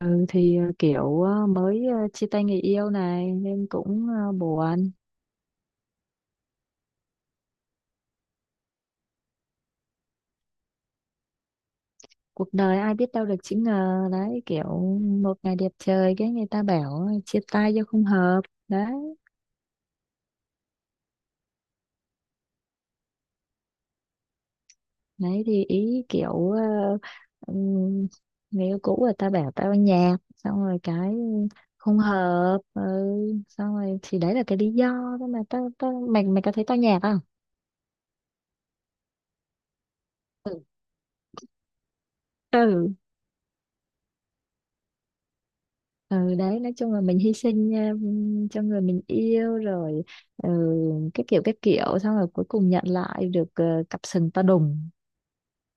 Ừ thì kiểu mới chia tay người yêu này nên cũng buồn. Cuộc đời ai biết đâu được chữ ngờ đấy, kiểu một ngày đẹp trời cái người ta bảo chia tay do không hợp đấy. Đấy thì ý kiểu ừm, người yêu cũ người ta bảo tao nhạt, xong rồi cái không hợp. Ừ, xong rồi thì đấy là cái lý do thôi, mà tao tao mày mày có thấy tao nhạt không? Ừ. Ừ đấy, nói chung là mình hy sinh cho người mình yêu rồi. Ừ, cái kiểu xong rồi cuối cùng nhận lại được cặp sừng to đùng.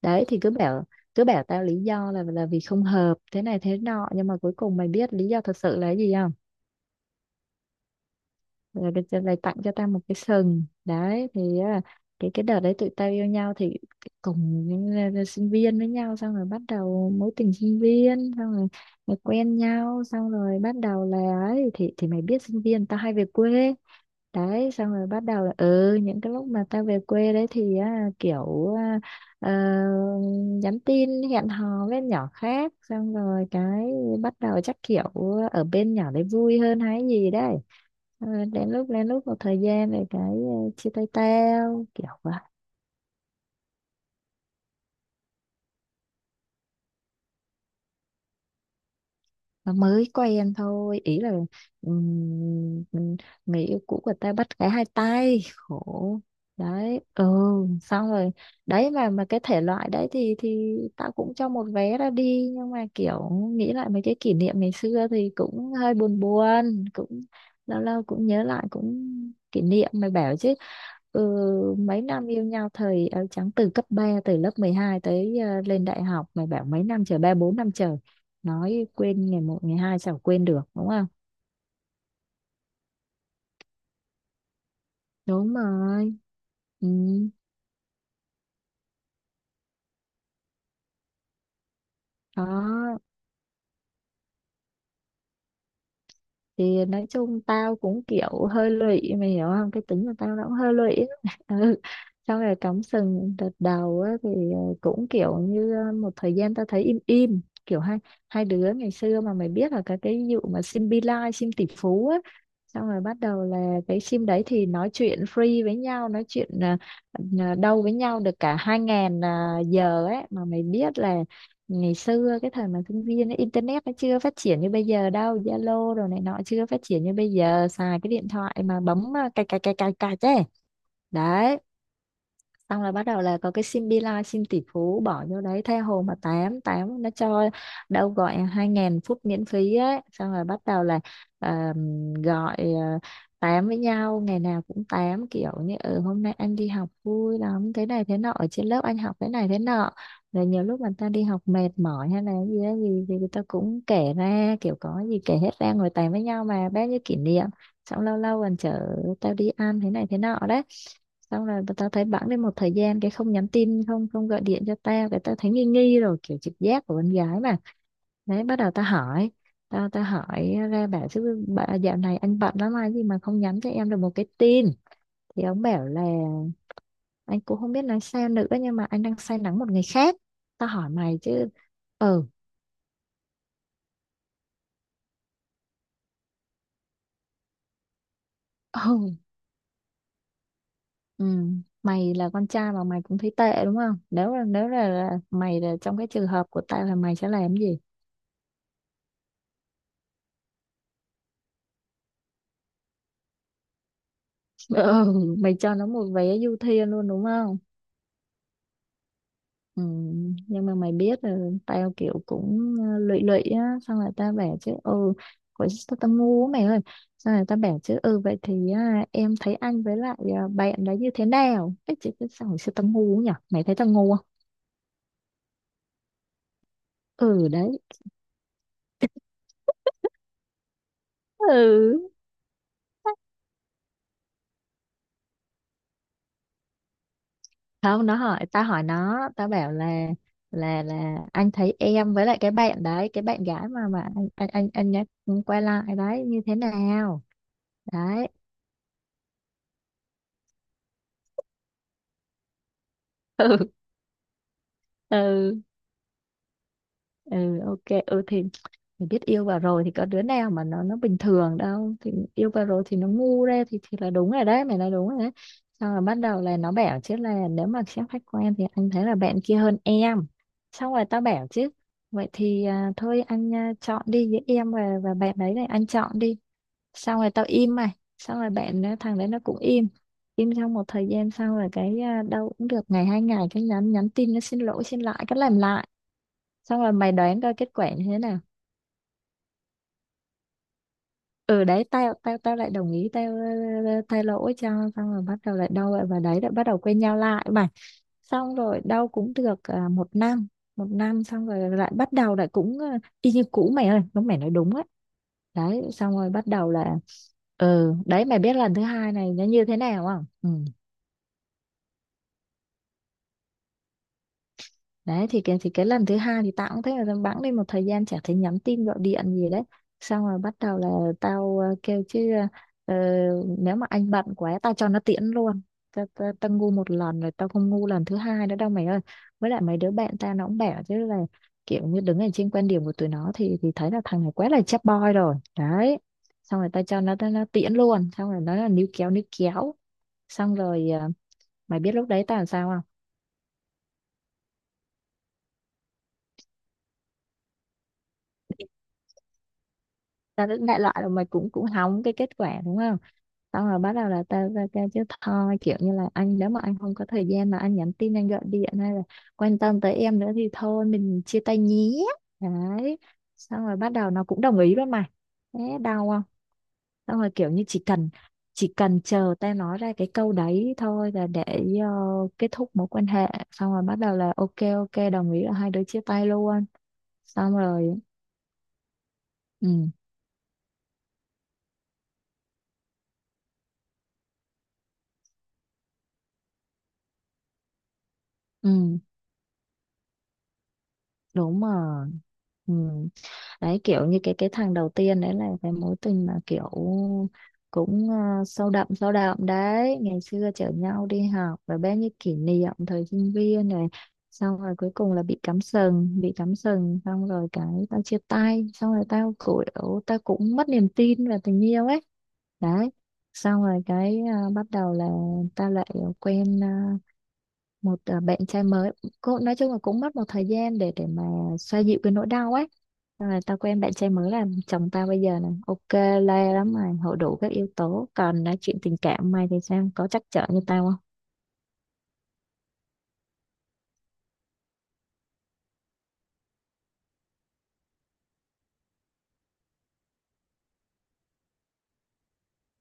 Đấy thì cứ bảo tao lý do là vì không hợp thế này thế nọ, nhưng mà cuối cùng mày biết lý do thật sự là cái gì? Rồi được rồi lại tặng cho tao một cái sừng. Đấy thì cái đợt đấy tụi tao yêu nhau thì cùng những, sinh viên với nhau, xong rồi bắt đầu mối tình sinh viên. Xong rồi, rồi quen nhau xong rồi bắt đầu là ấy, thì mày biết sinh viên tao hay về quê. Đấy, xong rồi bắt đầu là ừ, những cái lúc mà tao về quê đấy thì á, kiểu ờ, nhắn tin hẹn hò với nhỏ khác, xong rồi cái bắt đầu chắc kiểu ở bên nhỏ đấy vui hơn hay gì đấy. Ờ, đến lúc một thời gian rồi cái chia tay tao kiểu vậy. Nó mới quen thôi, ý là mình, người yêu cũ của ta bắt cái hai tay khổ đấy. Ừ, xong rồi đấy, mà cái thể loại đấy thì tao cũng cho một vé ra đi, nhưng mà kiểu nghĩ lại mấy cái kỷ niệm ngày xưa thì cũng hơi buồn buồn, cũng lâu lâu cũng nhớ lại, cũng kỷ niệm mày bảo chứ. Ừ, mấy năm yêu nhau thời áo trắng, từ cấp 3, từ lớp 12 tới lên đại học, mày bảo mấy năm trời, 3-4 năm trời, nói quên ngày một ngày hai sao quên được, đúng không? Đúng rồi. Ừ. Đó thì nói chung tao cũng kiểu hơi lụy, mày hiểu không, cái tính của tao nó cũng hơi lụy á. Ừ. Xong rồi cắm sừng đợt đầu á, thì cũng kiểu như một thời gian tao thấy im im, kiểu hai hai đứa ngày xưa mà mày biết là cái vụ mà sim Bi Lai, sim tỷ phú á. Xong rồi bắt đầu là cái sim đấy thì nói chuyện free với nhau, nói chuyện đâu với nhau được cả 2.000 giờ ấy. Mà mày biết là ngày xưa cái thời mà sinh viên ấy, internet nó chưa phát triển như bây giờ đâu, Zalo rồi này nọ chưa phát triển như bây giờ, xài cái điện thoại mà bấm cài cài cài cài cài chứ. Đấy, xong là bắt đầu là có cái sim Beeline, sim tỷ phú bỏ vô đấy tha hồ mà tám tám nó cho đâu gọi 2.000 phút miễn phí ấy, xong rồi bắt đầu là à, gọi tám với nhau, ngày nào cũng tám kiểu như ừ hôm nay anh đi học vui lắm thế này thế nọ, ở trên lớp anh học thế này thế nọ. Rồi nhiều lúc người ta đi học mệt mỏi hay là cái gì đó gì thì người ta cũng kể ra, kiểu có gì kể hết ra, ngồi tám với nhau mà bao nhiêu kỷ niệm. Xong lâu lâu còn chở tao đi ăn thế này thế nọ đấy. Xong rồi tao thấy bẵng đi một thời gian cái không nhắn tin, không không gọi điện cho tao, cái tao thấy nghi nghi rồi, kiểu trực giác của con gái mà. Đấy bắt đầu tao hỏi, tao tao hỏi ra bảo chứ: bà, dạo này anh bận lắm hay gì mà không nhắn cho em được một cái tin? Thì ông bảo là anh cũng không biết nói sao nữa, nhưng mà anh đang say nắng một người khác. Tao hỏi mày chứ. ờ ừ, ừ, mày là con trai mà mày cũng thấy tệ đúng không? Nếu là mày là trong cái trường hợp của tao là mày sẽ làm gì? Ừ, mày cho nó một vé du thuyền luôn đúng không? Ừ, nhưng mà mày biết là tao kiểu cũng lụy lụy á. Xong rồi tao bảo chứ ừ, hồi tao tao ngu á mày ơi. Xong rồi tao bảo chứ ừ vậy thì em thấy anh với lại bạn đó như thế nào? Cái chị cứ, xong rồi xưa tao ngu nhỉ? Mày thấy tao ngu không? Ừ đấy. Ừ. Không, nó hỏi tao hỏi nó, tao bảo là là anh thấy em với lại cái bạn đấy, cái bạn gái mà anh nhắc quay lại đấy như thế nào? Đấy, ừ. Ừ, ok, ừ thì mình biết yêu vào rồi thì có đứa nào mà nó bình thường đâu, thì yêu vào rồi thì nó ngu ra, thì là đúng rồi đấy, mày nói đúng rồi đấy. Xong rồi bắt đầu là nó bảo chứ là nếu mà xét khách quan thì anh thấy là bạn kia hơn em. Xong rồi tao bảo chứ vậy thì thôi anh chọn đi, với em và bạn đấy này anh chọn đi. Xong rồi tao im mày, xong rồi bạn thằng đấy nó cũng im, im trong một thời gian sau rồi cái đâu cũng được ngày hai ngày, cái nhắn nhắn tin nó xin lỗi xin lại cái làm lại. Xong rồi mày đoán coi kết quả như thế nào. Ừ đấy, tao tao tao lại đồng ý, tao thay lỗi cho. Xong rồi bắt đầu lại đâu lại vào đấy, lại bắt đầu quen nhau lại mà. Xong rồi đâu cũng được một năm, một năm xong rồi lại bắt đầu lại cũng y như cũ mày ơi, nó mày nói đúng á. Đấy xong rồi bắt đầu là. Ừ đấy, mày biết lần thứ hai này nó như thế nào không? Ừ, đấy thì cái lần thứ hai thì tao cũng thấy là tao bẵng đi một thời gian chả thấy nhắn tin gọi điện gì đấy. Xong rồi bắt đầu là tao kêu chứ ờ, nếu mà anh bận quá tao cho nó tiễn luôn. Tao ngu một lần rồi, tao không ngu lần thứ hai nữa đâu mày ơi. Với lại mấy đứa bạn tao nó cũng bảo chứ là kiểu như đứng ở trên quan điểm của tụi nó thì thấy là thằng này quá là chap boy rồi đấy. Xong rồi tao cho nó tiễn luôn, xong rồi nó là níu kéo níu kéo. Xong rồi mày biết lúc đấy tao làm sao không? Ta đến đại loại là mày cũng cũng hỏng cái kết quả đúng không. Xong rồi bắt đầu là ta ra kêu chứ thôi kiểu như là anh, nếu mà anh không có thời gian mà anh nhắn tin anh gọi điện hay là quan tâm tới em nữa thì thôi mình chia tay nhé. Đấy xong rồi bắt đầu nó cũng đồng ý luôn mày, thế đau không? Xong rồi kiểu như chỉ cần chờ ta nói ra cái câu đấy thôi là để ờ, kết thúc mối quan hệ, xong rồi bắt đầu là ok ok đồng ý là hai đứa chia tay luôn. Xong rồi. Ừ, ừ đúng rồi. Ừ. Đấy kiểu như cái thằng đầu tiên đấy là cái mối tình mà kiểu cũng sâu đậm đấy, ngày xưa chở nhau đi học và bao nhiêu kỷ niệm thời sinh viên này. Xong rồi cuối cùng là bị cắm sừng, bị cắm sừng xong rồi cái tao chia tay, xong rồi tao kiểu tao cũng mất niềm tin vào tình yêu ấy. Đấy xong rồi cái bắt đầu là tao lại quen một bạn trai mới. Cô, nói chung là cũng mất một thời gian để mà xoa dịu cái nỗi đau ấy. Xong rồi tao quen bạn trai mới là chồng tao bây giờ này, ok le lắm mày, hội đủ các yếu tố. Còn nói chuyện tình cảm mày thì sao, có trắc trở như tao không?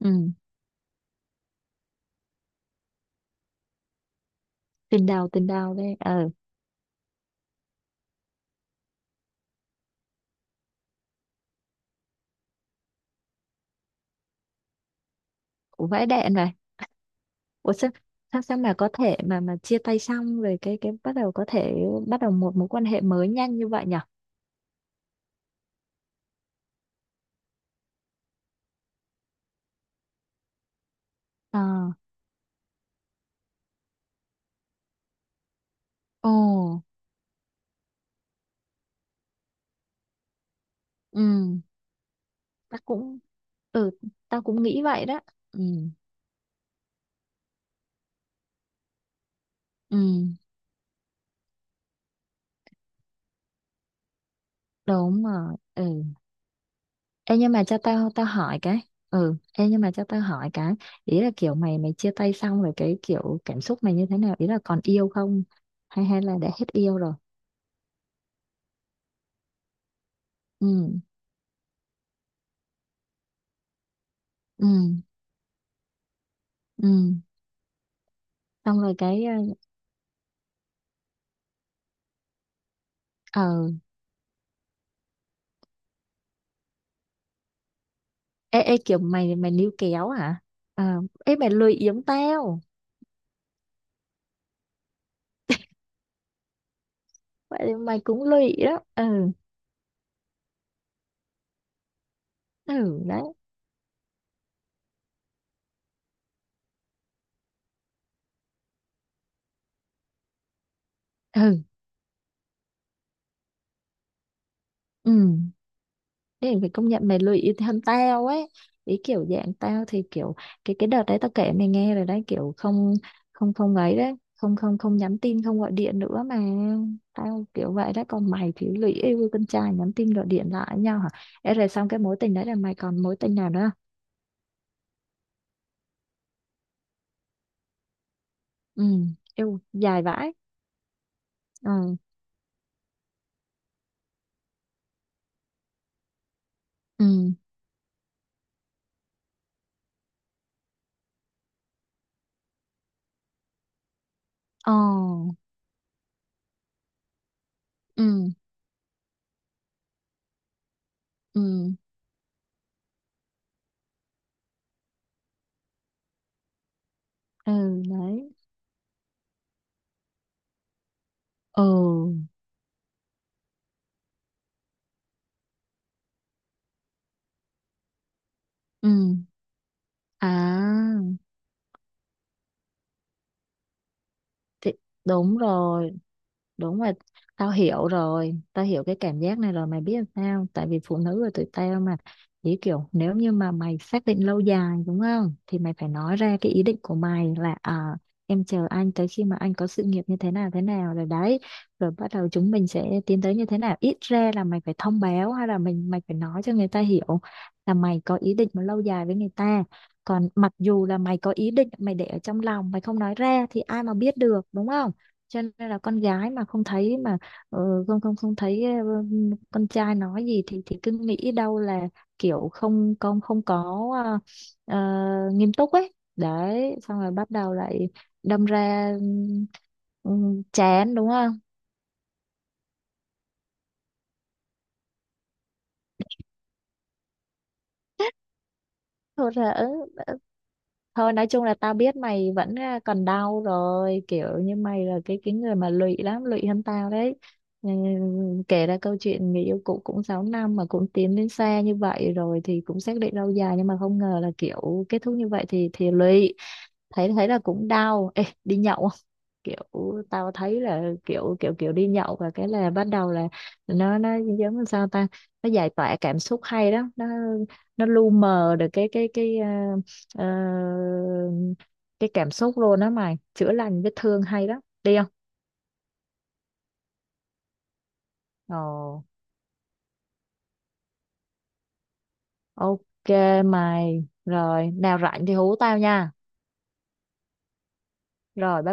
Ừ, tình đầu đấy. Ờ. Ừ. Vãi đạn này. Ủa sao, sao mà có thể mà chia tay xong rồi cái bắt đầu có thể bắt đầu một mối quan hệ mới nhanh như vậy nhở? Ờ. Ồ. Ừ, tao cũng, ừ tao cũng nghĩ vậy đó. Ừ, ừ. Đúng rồi. Ừ. Ê, nhưng mà cho tao tao hỏi cái. Ừ, ê, nhưng mà cho tao hỏi cái. Ý là kiểu mày mày chia tay xong rồi cái kiểu cảm xúc mày như thế nào? Ý là còn yêu không? Hay hay là đã hết yêu rồi? Ừ. Ừ. Ừ. Xong rồi cái ờ. ê, ê kiểu mày mày níu kéo hả? À, ê mày lười yếm tao. Vậy mày cũng lười đó. Ừ. Ừ đấy. Ừ. Ừ. Thế thì phải công nhận mày lụy hơn tao ấy, ý kiểu dạng tao thì kiểu cái đợt đấy tao kể mày nghe rồi đấy, kiểu không không không ấy đấy, không không không nhắn tin không gọi điện nữa mà. Tao kiểu vậy đấy, còn mày thì lụy yêu con trai nhắn tin gọi điện lại với nhau hả? Ê, rồi xong cái mối tình đấy là mày còn mối tình nào nữa không? Ừ, yêu dài vãi. Ừ, ừ, ờ, ừ, ừ, ừ đấy, ừ, ừ. À thì đúng rồi, đúng rồi, tao hiểu rồi, tao hiểu cái cảm giác này rồi, mày biết làm sao, tại vì phụ nữ là tụi tao mà, chỉ kiểu nếu như mà mày xác định lâu dài đúng không thì mày phải nói ra cái ý định của mày là em chờ anh tới khi mà anh có sự nghiệp như thế nào rồi đấy, rồi bắt đầu chúng mình sẽ tiến tới như thế nào. Ít ra là mày phải thông báo hay là mày phải nói cho người ta hiểu là mày có ý định mà lâu dài với người ta. Còn mặc dù là mày có ý định mày để ở trong lòng mày không nói ra thì ai mà biết được đúng không? Cho nên là con gái mà không thấy mà không không không thấy con trai nói gì thì cứ nghĩ đâu là kiểu không không không có ờ, nghiêm túc ấy đấy, xong rồi bắt đầu lại đâm ra chán đúng không? Thôi là ừ, ừ. Thôi nói chung là tao biết mày vẫn còn đau rồi, kiểu như mày là cái người mà lụy lắm, lụy hơn tao đấy. Ừ, kể ra câu chuyện người yêu cũ cũng 6 năm mà cũng tiến đến xa như vậy rồi thì cũng xác định lâu dài, nhưng mà không ngờ là kiểu kết thúc như vậy thì lụy, thấy thấy là cũng đau. Ê đi nhậu, kiểu tao thấy là kiểu kiểu kiểu đi nhậu và cái là bắt đầu là nó giống như sao ta, nó giải tỏa cảm xúc hay đó, nó lu mờ được cái ờ, cái cảm xúc luôn đó mày, chữa lành vết thương hay đó, đi không? Ồ, ok mày, rồi nào rảnh thì hú tao nha, rồi bye bye.